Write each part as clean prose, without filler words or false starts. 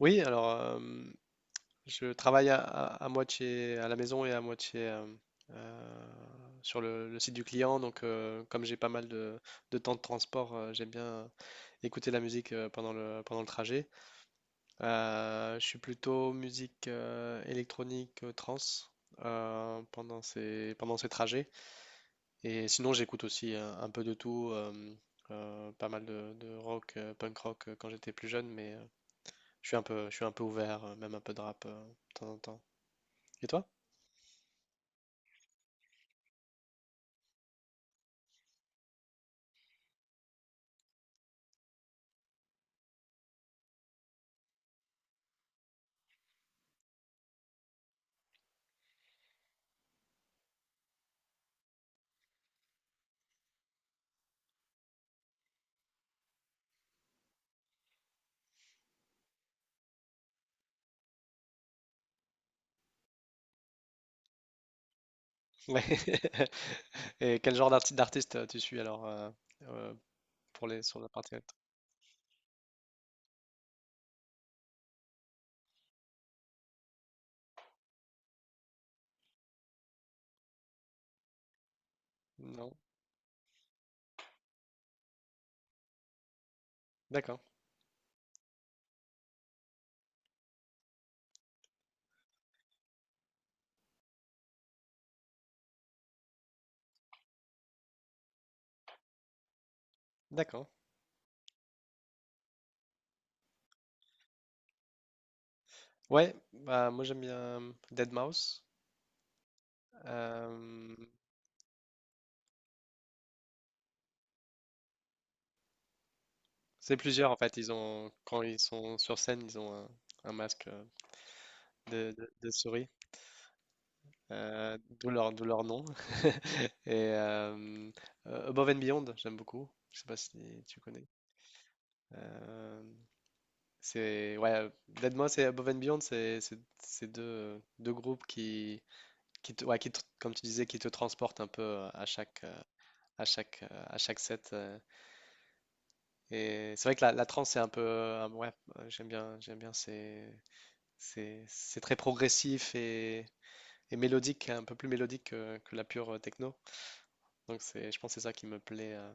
Oui, alors euh, je travaille à moitié à la maison et à moitié euh, sur le site du client. Donc, comme j'ai pas mal de temps de transport, j'aime bien écouter la musique pendant pendant le trajet. Je suis plutôt musique électronique trance pendant pendant ces trajets. Et sinon, j'écoute aussi un peu de tout, pas mal de rock, punk rock quand j'étais plus jeune. Je suis un peu ouvert, même un peu de rap de temps en temps. Et toi? Ouais. Et quel genre d'artiste tu suis alors euh, pour les sur la partie rap. Non. D'accord. D'accord. Ouais. Bah moi j'aime bien Deadmau5. Euh, c'est plusieurs en fait. Ils ont quand ils sont sur scène, un masque de souris, d'où leur nom. Et Above and Beyond, j'aime beaucoup. Je sais pas si tu connais. Euh, C'est ouais, Dead Mouse et Above and Beyond, c'est deux groupes qui te, ouais, comme tu disais, qui te transportent un peu à chaque à chaque à chaque set. Et c'est vrai que la trance c'est un peu j'aime bien c'est très progressif et mélodique, un peu plus mélodique que la pure techno. Donc c'est je pense que c'est ça qui me plaît.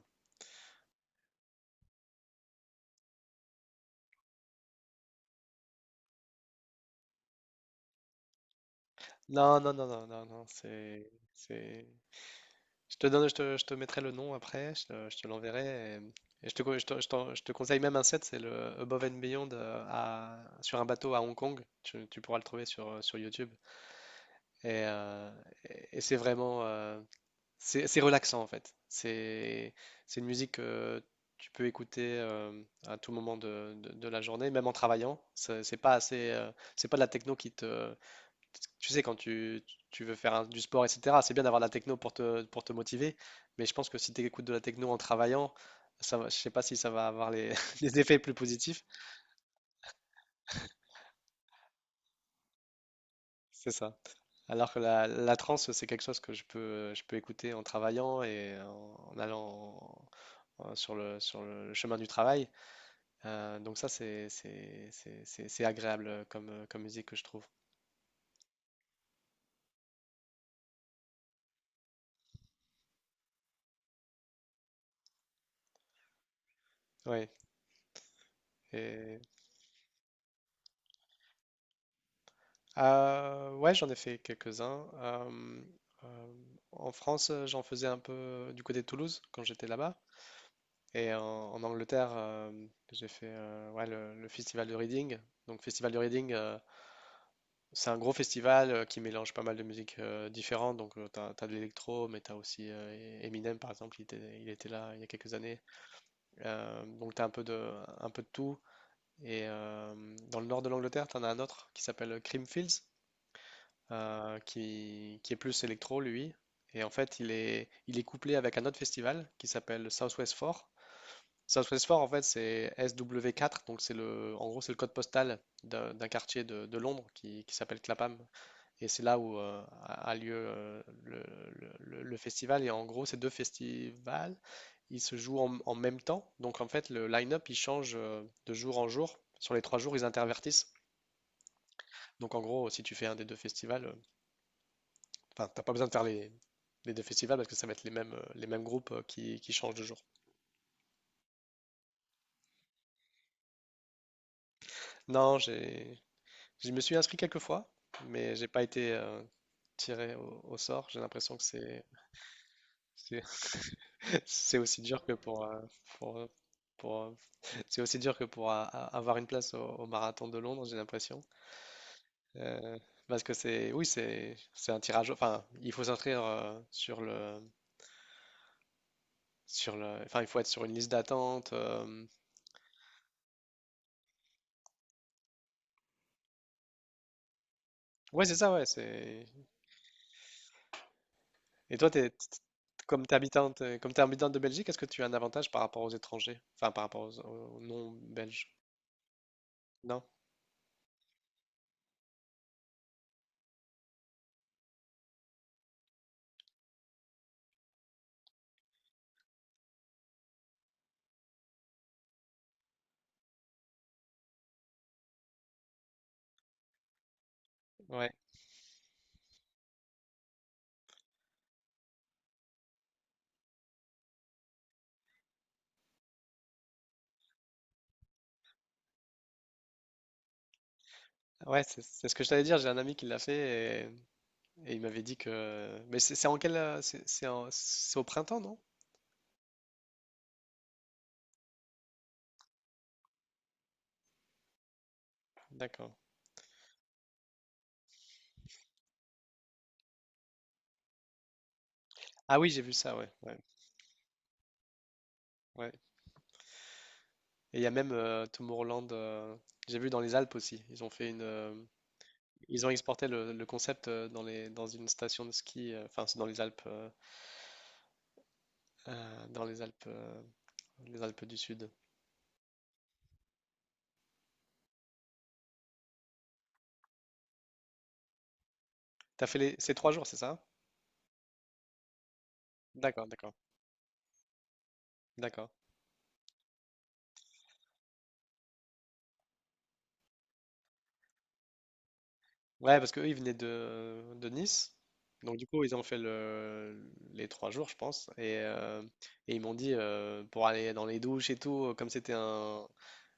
Non, c'est c'est. Je te mettrai le nom après, je te l'enverrai. Et je te, je te conseille même un set, c'est le Above and Beyond sur un bateau à Hong Kong. Tu pourras le trouver sur, sur YouTube. Et, et c'est vraiment, c'est relaxant en fait. C'est une musique que tu peux écouter à tout moment de la journée, même en travaillant. C'est pas assez, c'est pas de la techno qui te, tu sais, quand tu veux du sport, etc., c'est bien d'avoir de la techno pour te motiver, mais je pense que si tu écoutes de la techno en travaillant, je sais pas si ça va avoir les, les effets plus positifs. C'est ça. Alors que la trance, c'est quelque chose que je peux écouter en travaillant et en, sur sur le chemin du travail. Donc ça, c'est agréable comme musique que je trouve. Oui. Et, ouais, j'en ai fait quelques-uns. Euh, en France, j'en faisais un peu du côté de Toulouse quand j'étais là-bas. Et en Angleterre, j'ai fait ouais, le festival de Reading. Donc, festival de Reading, c'est un gros festival qui mélange pas mal de musiques différentes. Donc, t'as de l'électro, mais t'as aussi Eminem, par exemple, il était là il y a quelques années. Donc, t'as un peu un peu de tout. Et dans le nord de l'Angleterre, t'en as un autre qui s'appelle Creamfields. Qui est plus électro, lui. Et en fait, il est couplé avec un autre festival qui s'appelle Southwest 4. Southwest Four en fait, c'est SW4, donc c'est le, en gros, c'est le code postal d'un quartier de Londres qui s'appelle Clapham. Et c'est là où a lieu le festival. Et en gros, ces deux festivals, ils se jouent en, en même temps. Donc, en fait, le line-up, il change de jour en jour. Sur les trois jours, ils intervertissent. Donc, en gros, si tu fais un des deux festivals, enfin, t'as pas besoin de faire les deux festivals parce que ça va être les mêmes groupes qui changent de jour. Non, j'ai, je me suis inscrit quelques fois, mais j'ai pas été tiré au sort. J'ai l'impression que c'est, c'est aussi dur que pour, euh, pour, euh, c'est aussi dur que pour avoir une place au marathon de Londres, j'ai l'impression. Euh, parce que oui, c'est un tirage. Enfin, il faut s'inscrire sur sur le, enfin, il faut être sur une liste d'attente. Ouais, c'est ça, ouais, c'est. Et toi, comme t'es habitante de Belgique, est-ce que tu as un avantage par rapport aux étrangers? Enfin, par rapport aux, aux non-belges? Non? Ouais. Ouais, c'est ce que je t'allais dire. J'ai un ami qui l'a fait et il m'avait dit que. Mais c'est en quel. C'est c'est au printemps, non? D'accord. Ah oui, j'ai vu ça, ouais. Ouais. Ouais. Et il y a même Tomorrowland. J'ai vu dans les Alpes aussi. Ils ont fait une. Ils ont exporté le concept dans une station de ski. Enfin, c'est dans les Alpes. Dans les Alpes. Les Alpes du Sud. T'as fait les... ces trois jours, c'est ça? D'accord, d'accord, d'accord. Ouais, parce qu'eux, ils venaient de Nice. Donc, du coup, ils ont fait les trois jours, je pense. Et ils m'ont dit, pour aller dans les douches et tout, comme c'était un...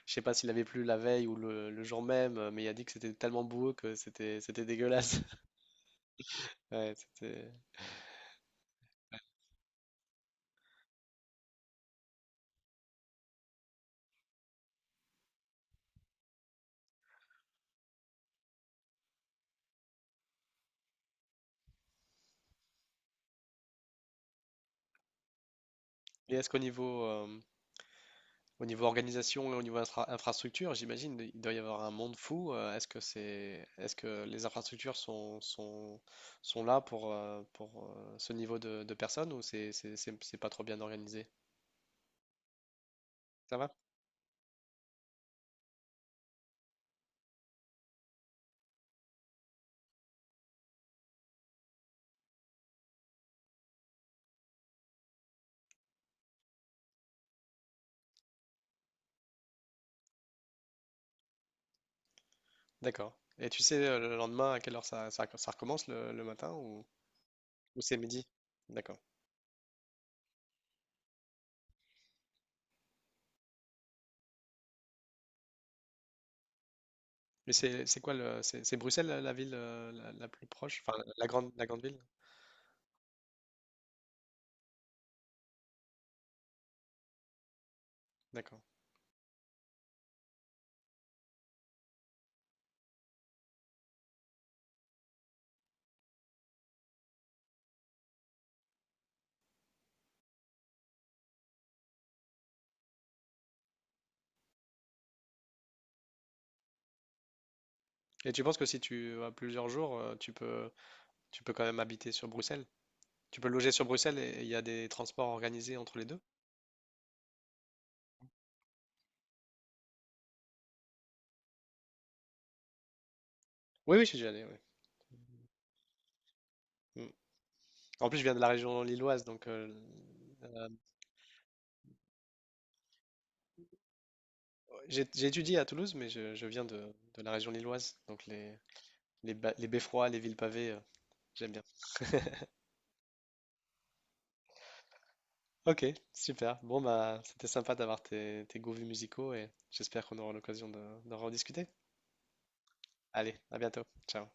Je sais pas s'il avait plu la veille ou le jour même, mais il a dit que c'était tellement boueux que c'était c'était dégueulasse. Ouais, c'était... Et est-ce qu'au niveau, au niveau organisation et au niveau infrastructure, j'imagine il doit y avoir un monde fou. Est-ce que c'est, est-ce que les infrastructures sont, sont là pour ce niveau de personnes ou c'est pas trop bien organisé? Ça va? D'accord. Et tu sais le lendemain à quelle heure ça recommence le matin ou c'est midi? D'accord. Mais c'est quoi le, c'est Bruxelles la ville la plus proche, enfin la grande ville? D'accord. Et tu penses que si tu as plusieurs jours, tu peux quand même habiter sur Bruxelles? Tu peux loger sur Bruxelles et il y a des transports organisés entre les deux? Oui, oui, je suis déjà allé. Oui. Mm. En plus, je viens de la région lilloise, donc euh, j'ai étudié à Toulouse, mais je viens de la région lilloise, donc les beffrois, les villes pavées, j'aime bien. Ok, super. Bon, bah, c'était sympa d'avoir tes, tes goûts musicaux et j'espère qu'on aura l'occasion d'en rediscuter. Allez, à bientôt. Ciao.